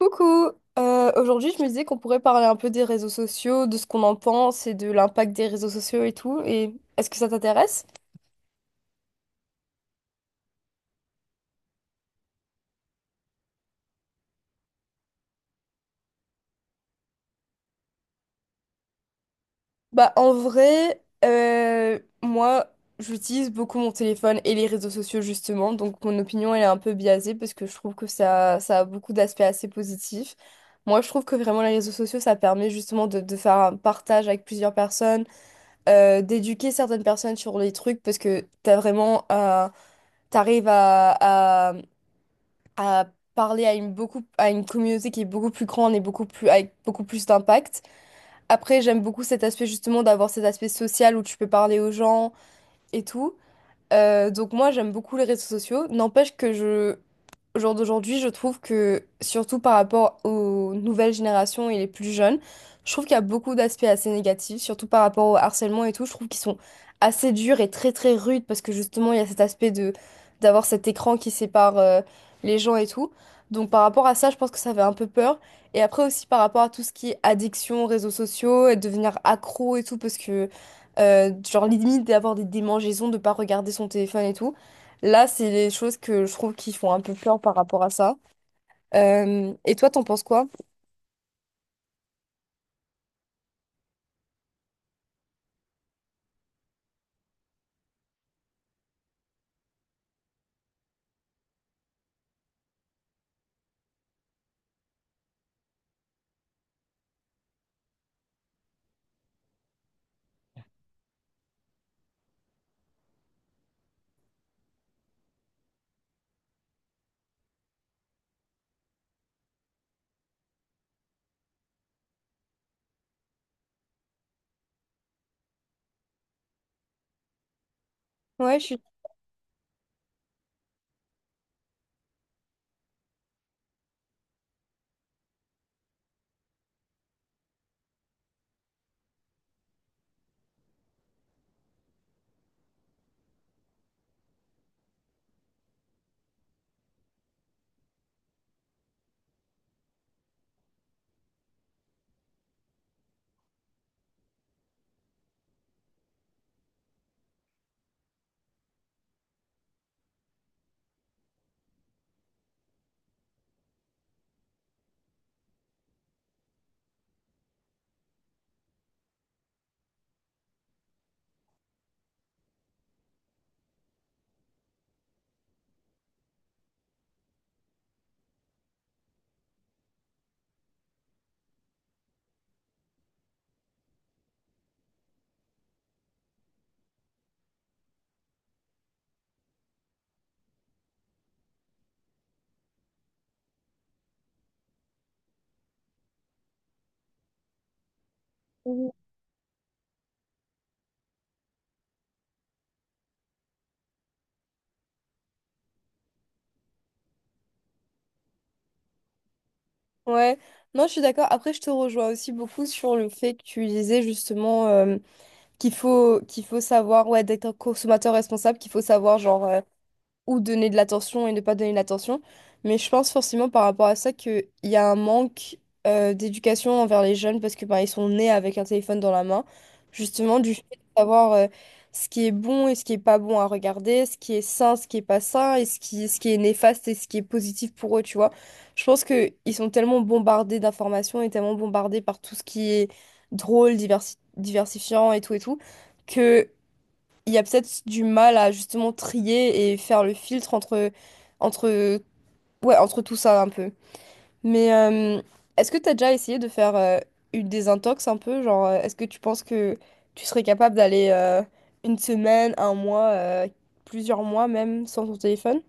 Coucou! Aujourd'hui, je me disais qu'on pourrait parler un peu des réseaux sociaux, de ce qu'on en pense et de l'impact des réseaux sociaux et tout. Et est-ce que ça t'intéresse? Bah, en vrai, moi, j'utilise beaucoup mon téléphone et les réseaux sociaux justement. Donc, mon opinion, elle est un peu biaisée parce que je trouve que ça a beaucoup d'aspects assez positifs. Moi, je trouve que vraiment les réseaux sociaux, ça permet justement de faire un partage avec plusieurs personnes, d'éduquer certaines personnes sur les trucs parce que t'as vraiment un t'arrives à parler à à une communauté qui est beaucoup plus grande et beaucoup plus, avec beaucoup plus d'impact. Après, j'aime beaucoup cet aspect justement d'avoir cet aspect social où tu peux parler aux gens et tout. Donc moi j'aime beaucoup les réseaux sociaux. Au jour d'aujourd'hui, je trouve que surtout par rapport aux nouvelles générations et les plus jeunes, je trouve qu'il y a beaucoup d'aspects assez négatifs, surtout par rapport au harcèlement et tout. Je trouve qu'ils sont assez durs et très très rudes parce que justement il y a cet aspect de d'avoir cet écran qui sépare les gens et tout. Donc par rapport à ça, je pense que ça fait un peu peur. Et après aussi par rapport à tout ce qui est addiction, réseaux sociaux et devenir accro et tout parce que genre limite d'avoir des démangeaisons, de pas regarder son téléphone et tout. Là, c'est les choses que je trouve qui font un peu peur par rapport à ça. Et toi, t'en penses quoi? Ouais, je suis... Ouais. Non, je suis d'accord. Après, je te rejoins aussi beaucoup sur le fait que tu disais justement qu'il faut savoir, ouais, d'être un consommateur responsable, qu'il faut savoir, genre, ou donner de l'attention et ne pas donner de l'attention. Mais je pense forcément par rapport à ça qu'il y a un manque d'éducation envers les jeunes parce que bah, ils sont nés avec un téléphone dans la main, justement du fait de savoir ce qui est bon et ce qui est pas bon à regarder, ce qui est sain, ce qui est pas sain, et ce qui est néfaste et ce qui est positif pour eux, tu vois. Je pense que ils sont tellement bombardés d'informations et tellement bombardés par tout ce qui est drôle, diversifiant et tout. Que il y a peut-être du mal à justement trier et faire le filtre entre, ouais, entre tout ça un peu. Mais est-ce que tu as déjà essayé de faire une désintox un peu? Genre, est-ce que tu penses que tu serais capable d'aller une semaine, un mois, plusieurs mois même sans ton téléphone?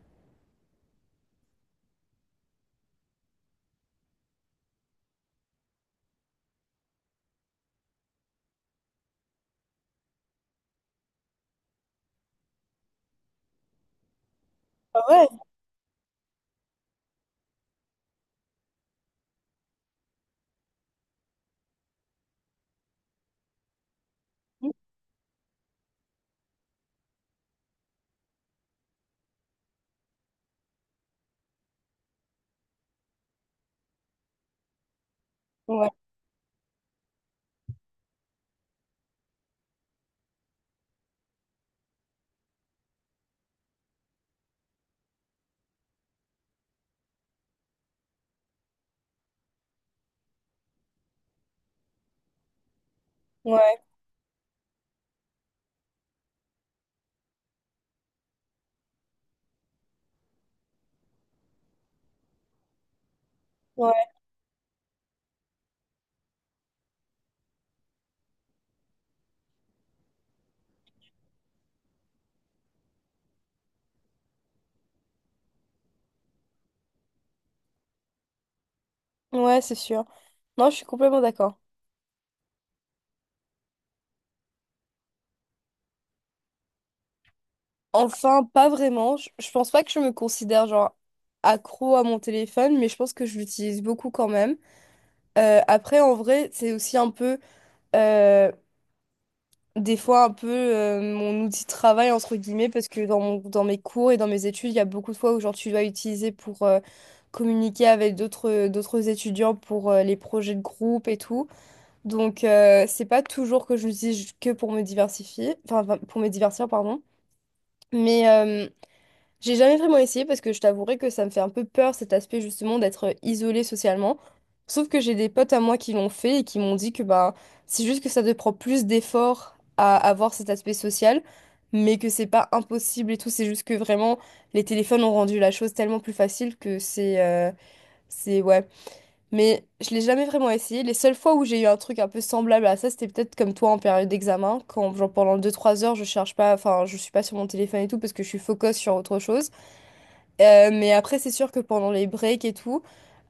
Ah ouais. Ouais, ouais, ouais, ouais, c'est sûr. Non, je suis complètement d'accord. Enfin, pas vraiment. Je pense pas que je me considère genre accro à mon téléphone, mais je pense que je l'utilise beaucoup quand même. Après, en vrai, c'est aussi un peu, euh, des fois, un peu mon outil de travail, entre guillemets, parce que dans mes cours et dans mes études, il y a beaucoup de fois où genre, tu dois utiliser pour communiquer avec d'autres étudiants pour les projets de groupe et tout. Donc, c'est pas toujours que je l'utilise que pour me diversifier, enfin, pour me divertir, pardon. Mais, j'ai jamais vraiment essayé parce que je t'avouerai que ça me fait un peu peur cet aspect justement d'être isolée socialement. Sauf que j'ai des potes à moi qui l'ont fait et qui m'ont dit que bah c'est juste que ça te prend plus d'efforts à avoir cet aspect social, mais que c'est pas impossible et tout. C'est juste que vraiment les téléphones ont rendu la chose tellement plus facile que c'est ouais. Mais je l'ai jamais vraiment essayé. Les seules fois où j'ai eu un truc un peu semblable à ça, c'était peut-être comme toi en période d'examen, quand genre pendant deux trois heures je cherche pas, enfin je suis pas sur mon téléphone et tout parce que je suis focus sur autre chose. Mais après, c'est sûr que pendant les breaks et tout,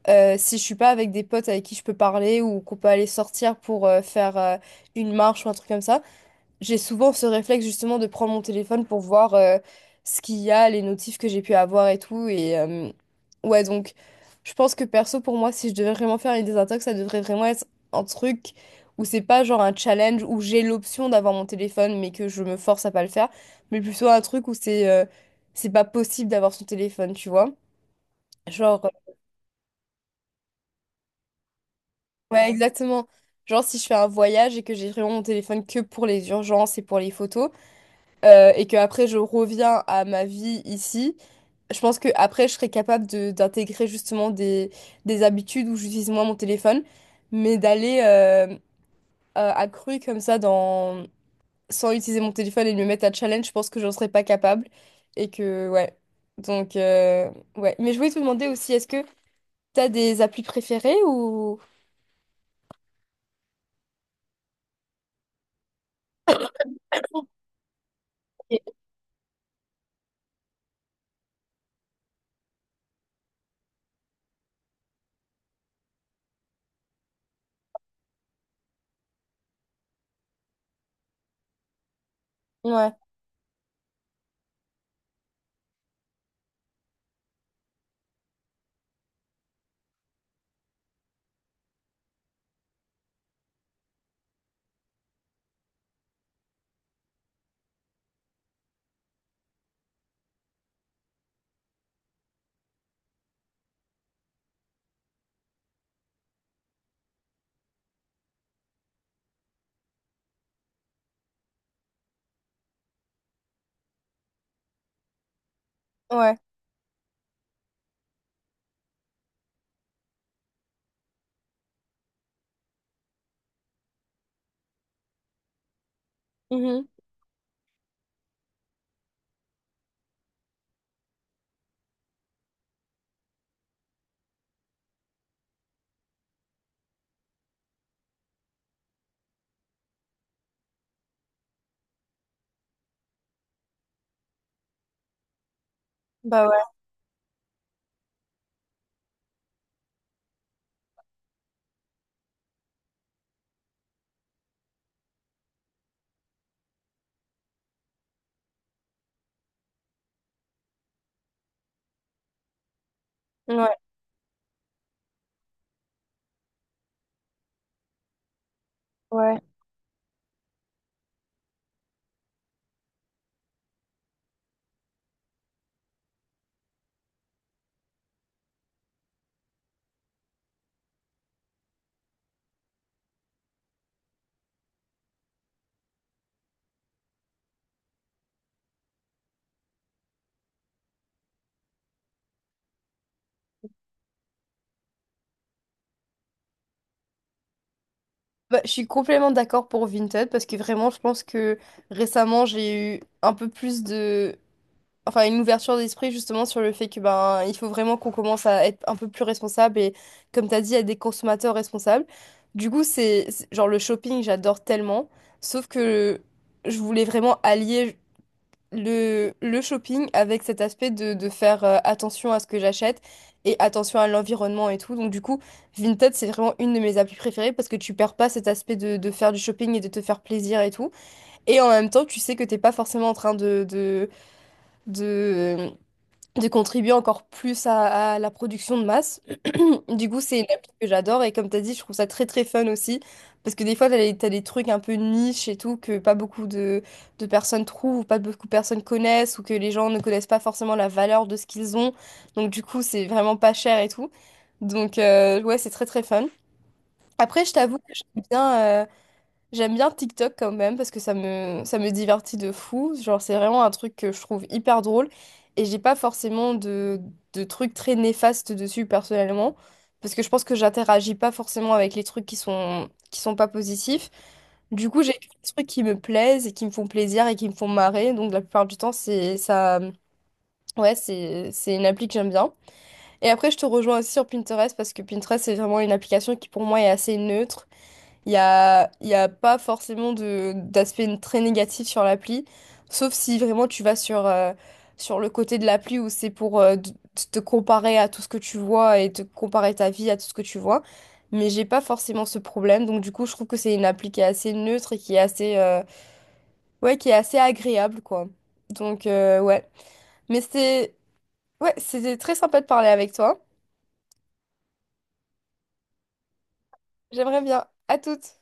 si je suis pas avec des potes avec qui je peux parler ou qu'on peut aller sortir pour faire une marche ou un truc comme ça, j'ai souvent ce réflexe justement de prendre mon téléphone pour voir ce qu'il y a, les notifs que j'ai pu avoir et tout. Et ouais, donc je pense que perso, pour moi, si je devais vraiment faire une désintox, ça devrait vraiment être un truc où c'est pas genre un challenge où j'ai l'option d'avoir mon téléphone mais que je me force à pas le faire, mais plutôt un truc où c'est pas possible d'avoir son téléphone, tu vois. Genre, ouais, exactement. Genre, si je fais un voyage et que j'ai vraiment mon téléphone que pour les urgences et pour les photos, et que après je reviens à ma vie ici, je pense que après je serais capable de d'intégrer justement des habitudes où j'utilise moins mon téléphone, mais d'aller à cru comme ça dans... sans utiliser mon téléphone et de me mettre à challenge, je pense que j'en serais pas capable. Et que, ouais. Donc, ouais. Mais je voulais te demander aussi, est-ce que t'as des applis préférées ou... Ouais, ouais. Mhm. Bah ouais, ouais, ouais. Bah, je suis complètement d'accord pour Vinted parce que vraiment, je pense que récemment, j'ai eu un peu plus de... Enfin, une ouverture d'esprit justement sur le fait que ben, il faut vraiment qu'on commence à être un peu plus responsable et comme tu as dit, à des consommateurs responsables. Du coup, genre le shopping, j'adore tellement. Sauf que je voulais vraiment allier. Le shopping avec cet aspect de faire attention à ce que j'achète et attention à l'environnement et tout. Donc du coup, Vinted, c'est vraiment une de mes applis préférées parce que tu perds pas cet aspect de faire du shopping et de te faire plaisir et tout. Et en même temps, tu sais que t'es pas forcément en train de, de contribuer encore plus à la production de masse. Du coup, c'est une appli que j'adore et comme tu as dit, je trouve ça très très fun aussi parce que des fois, tu as, des t'as des trucs un peu niche et tout que pas beaucoup de personnes trouvent ou pas beaucoup de personnes connaissent ou que les gens ne connaissent pas forcément la valeur de ce qu'ils ont. Donc du coup, c'est vraiment pas cher et tout. Donc ouais, c'est très très fun. Après, je t'avoue que j'aime bien TikTok quand même parce que ça me divertit de fou. Genre, c'est vraiment un truc que je trouve hyper drôle et j'ai pas forcément de trucs très néfastes dessus personnellement parce que je pense que j'interagis pas forcément avec les trucs qui sont pas positifs. Du coup, j'ai des trucs qui me plaisent et qui me font plaisir et qui me font marrer. Donc, la plupart du temps, c'est ça. Ouais, c'est une appli que j'aime bien. Et après, je te rejoins aussi sur Pinterest parce que Pinterest, c'est vraiment une application qui pour moi est assez neutre. Il y a pas forcément de d'aspect très négatif sur l'appli, sauf si vraiment tu vas sur, sur le côté de l'appli où c'est pour te comparer à tout ce que tu vois et te comparer ta vie à tout ce que tu vois. Mais j'ai pas forcément ce problème, donc du coup je trouve que c'est une appli qui est assez neutre et qui est assez, ouais, qui est assez agréable, quoi. Donc ouais. Mais c'est Ouais, c'était très sympa de parler avec toi. J'aimerais bien. À toutes.